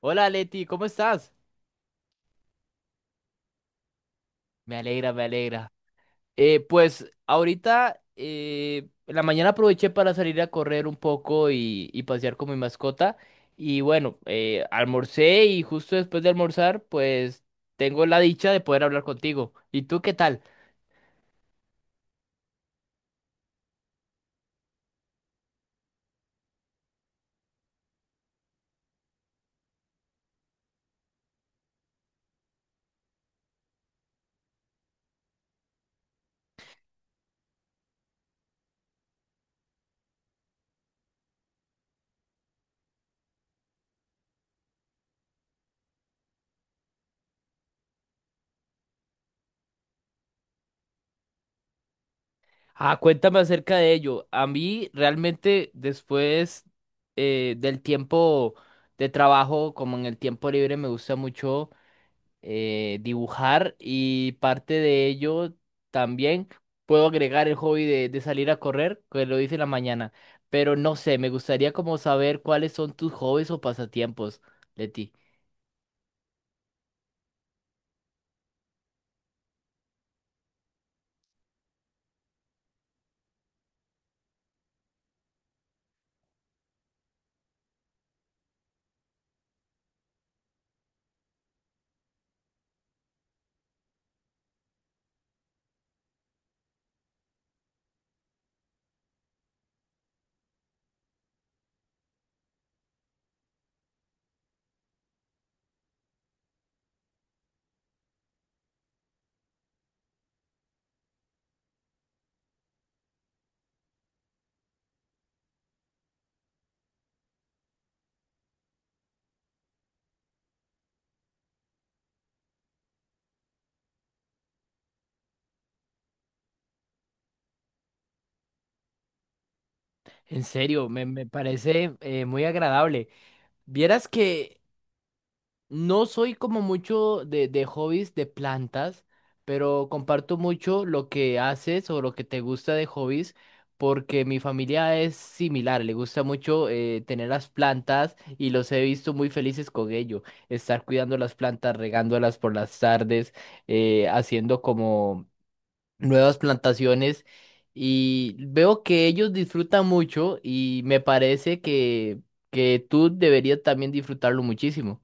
Hola Leti, ¿cómo estás? Me alegra, me alegra. Pues ahorita en la mañana aproveché para salir a correr un poco y pasear con mi mascota. Y bueno, almorcé y justo después de almorzar, pues tengo la dicha de poder hablar contigo. ¿Y tú qué tal? Ah, cuéntame acerca de ello. A mí realmente después del tiempo de trabajo, como en el tiempo libre, me gusta mucho. Dibujar, y parte de ello también puedo agregar el hobby de salir a correr, que lo hice en la mañana. Pero no sé, me gustaría como saber cuáles son tus hobbies o pasatiempos, Leti. En serio, me parece muy agradable. Vieras que no soy como mucho de hobbies de plantas, pero comparto mucho lo que haces o lo que te gusta de hobbies, porque mi familia es similar, le gusta mucho tener las plantas y los he visto muy felices con ello, estar cuidando las plantas, regándolas por las tardes, haciendo como nuevas plantaciones, y veo que ellos disfrutan mucho y me parece que tú deberías también disfrutarlo muchísimo.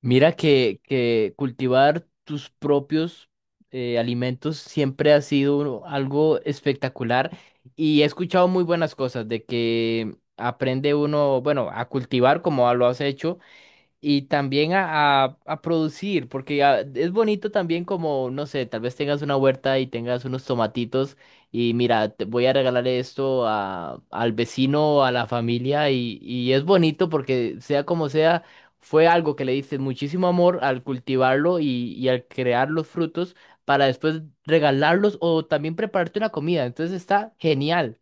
Mira que cultivar tus propios alimentos siempre ha sido algo espectacular, y he escuchado muy buenas cosas de que aprende uno, bueno, a cultivar como lo has hecho, y también a, a producir, porque ah, es bonito también como, no sé, tal vez tengas una huerta y tengas unos tomatitos y mira, te voy a regalar esto a, al vecino o a la familia, y es bonito porque sea como sea, fue algo que le diste muchísimo amor al cultivarlo, y al crear los frutos para después regalarlos o también prepararte una comida. Entonces está genial.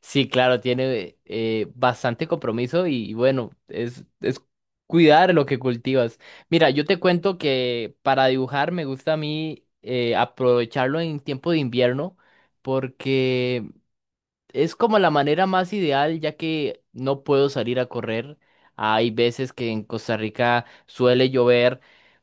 Sí, claro, tiene bastante compromiso, y bueno, es cuidar lo que cultivas. Mira, yo te cuento que para dibujar me gusta a mí aprovecharlo en tiempo de invierno, porque es como la manera más ideal, ya que no puedo salir a correr. Hay veces que en Costa Rica suele llover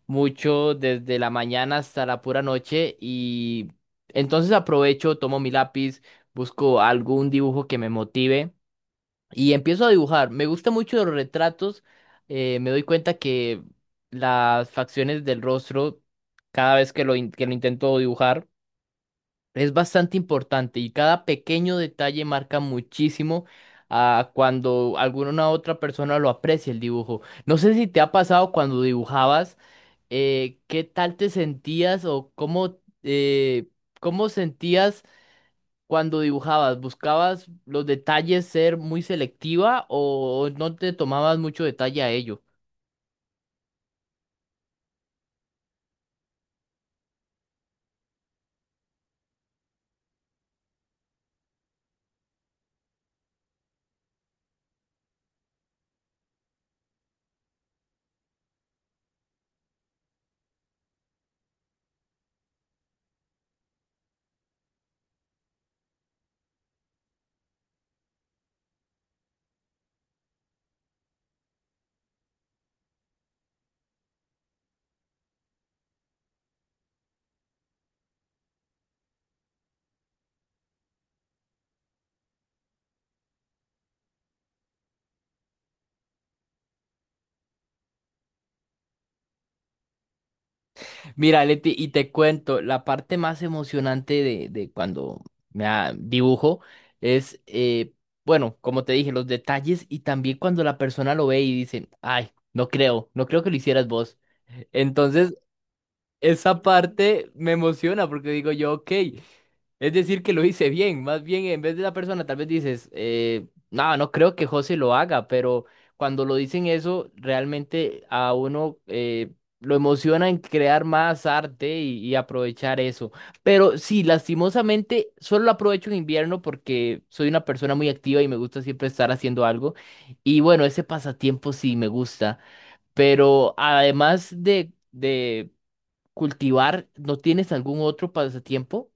mucho desde la mañana hasta la pura noche, y entonces aprovecho, tomo mi lápiz, busco algún dibujo que me motive y empiezo a dibujar. Me gusta mucho los retratos. Me doy cuenta que las facciones del rostro, cada vez que que lo intento dibujar, es bastante importante, y cada pequeño detalle marca muchísimo a cuando alguna otra persona lo aprecia el dibujo. No sé si te ha pasado cuando dibujabas, qué tal te sentías o eh, cómo sentías cuando dibujabas. ¿Buscabas los detalles ser muy selectiva o no te tomabas mucho detalle a ello? Mira, Leti, y te cuento, la parte más emocionante de cuando me ah, dibujo es, bueno, como te dije, los detalles, y también cuando la persona lo ve y dice, ay, no creo que lo hicieras vos. Entonces, esa parte me emociona porque digo yo, ok, es decir que lo hice bien. Más bien, en vez de la persona tal vez dices, no, no creo que José lo haga, pero cuando lo dicen eso, realmente a uno lo emociona en crear más arte, y aprovechar eso. Pero sí, lastimosamente solo lo aprovecho en invierno, porque soy una persona muy activa y me gusta siempre estar haciendo algo. Y bueno, ese pasatiempo sí me gusta, pero además de cultivar, ¿no tienes algún otro pasatiempo?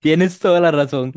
Tienes toda la razón.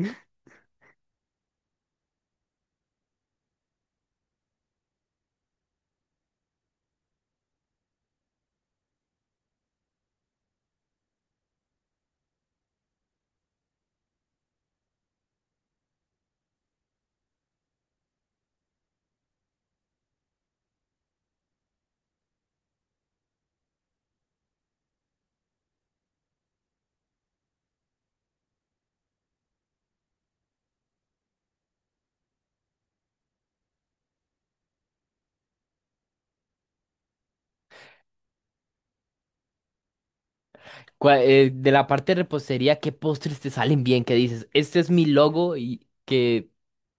De la parte de repostería, ¿qué postres te salen bien? ¿Qué dices, este es mi logo y que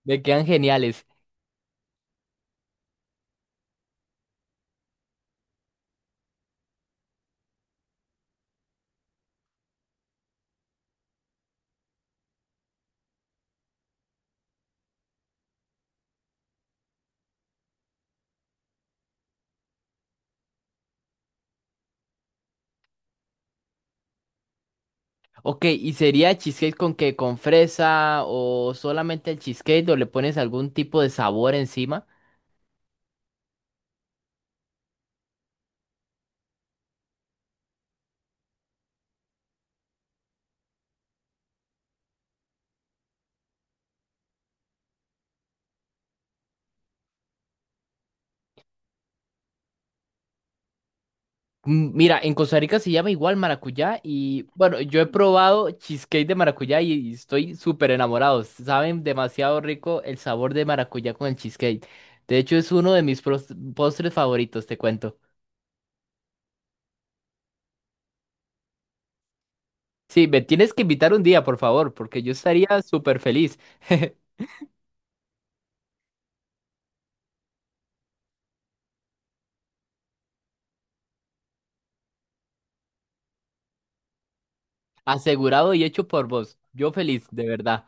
me quedan geniales? Ok, ¿y sería cheesecake con qué? ¿Con fresa, o solamente el cheesecake, o le pones algún tipo de sabor encima? Mm, mira, en Costa Rica se llama igual maracuyá, y bueno, yo he probado cheesecake de maracuyá, y estoy súper enamorado. Saben demasiado rico el sabor de maracuyá con el cheesecake. De hecho, es uno de mis postres favoritos, te cuento. Sí, me tienes que invitar un día, por favor, porque yo estaría súper feliz. Asegurado y hecho por vos. Yo feliz, de verdad.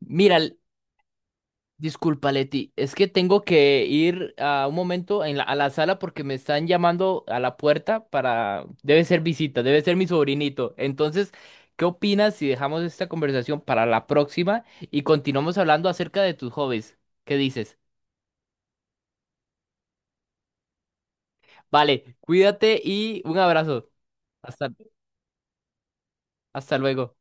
Mira, disculpa, Leti, es que tengo que ir a un momento en a la sala, porque me están llamando a la puerta para... Debe ser visita, debe ser mi sobrinito. Entonces, ¿qué opinas si dejamos esta conversación para la próxima y continuamos hablando acerca de tus hobbies? ¿Qué dices? Vale, cuídate y un abrazo. Hasta, hasta luego.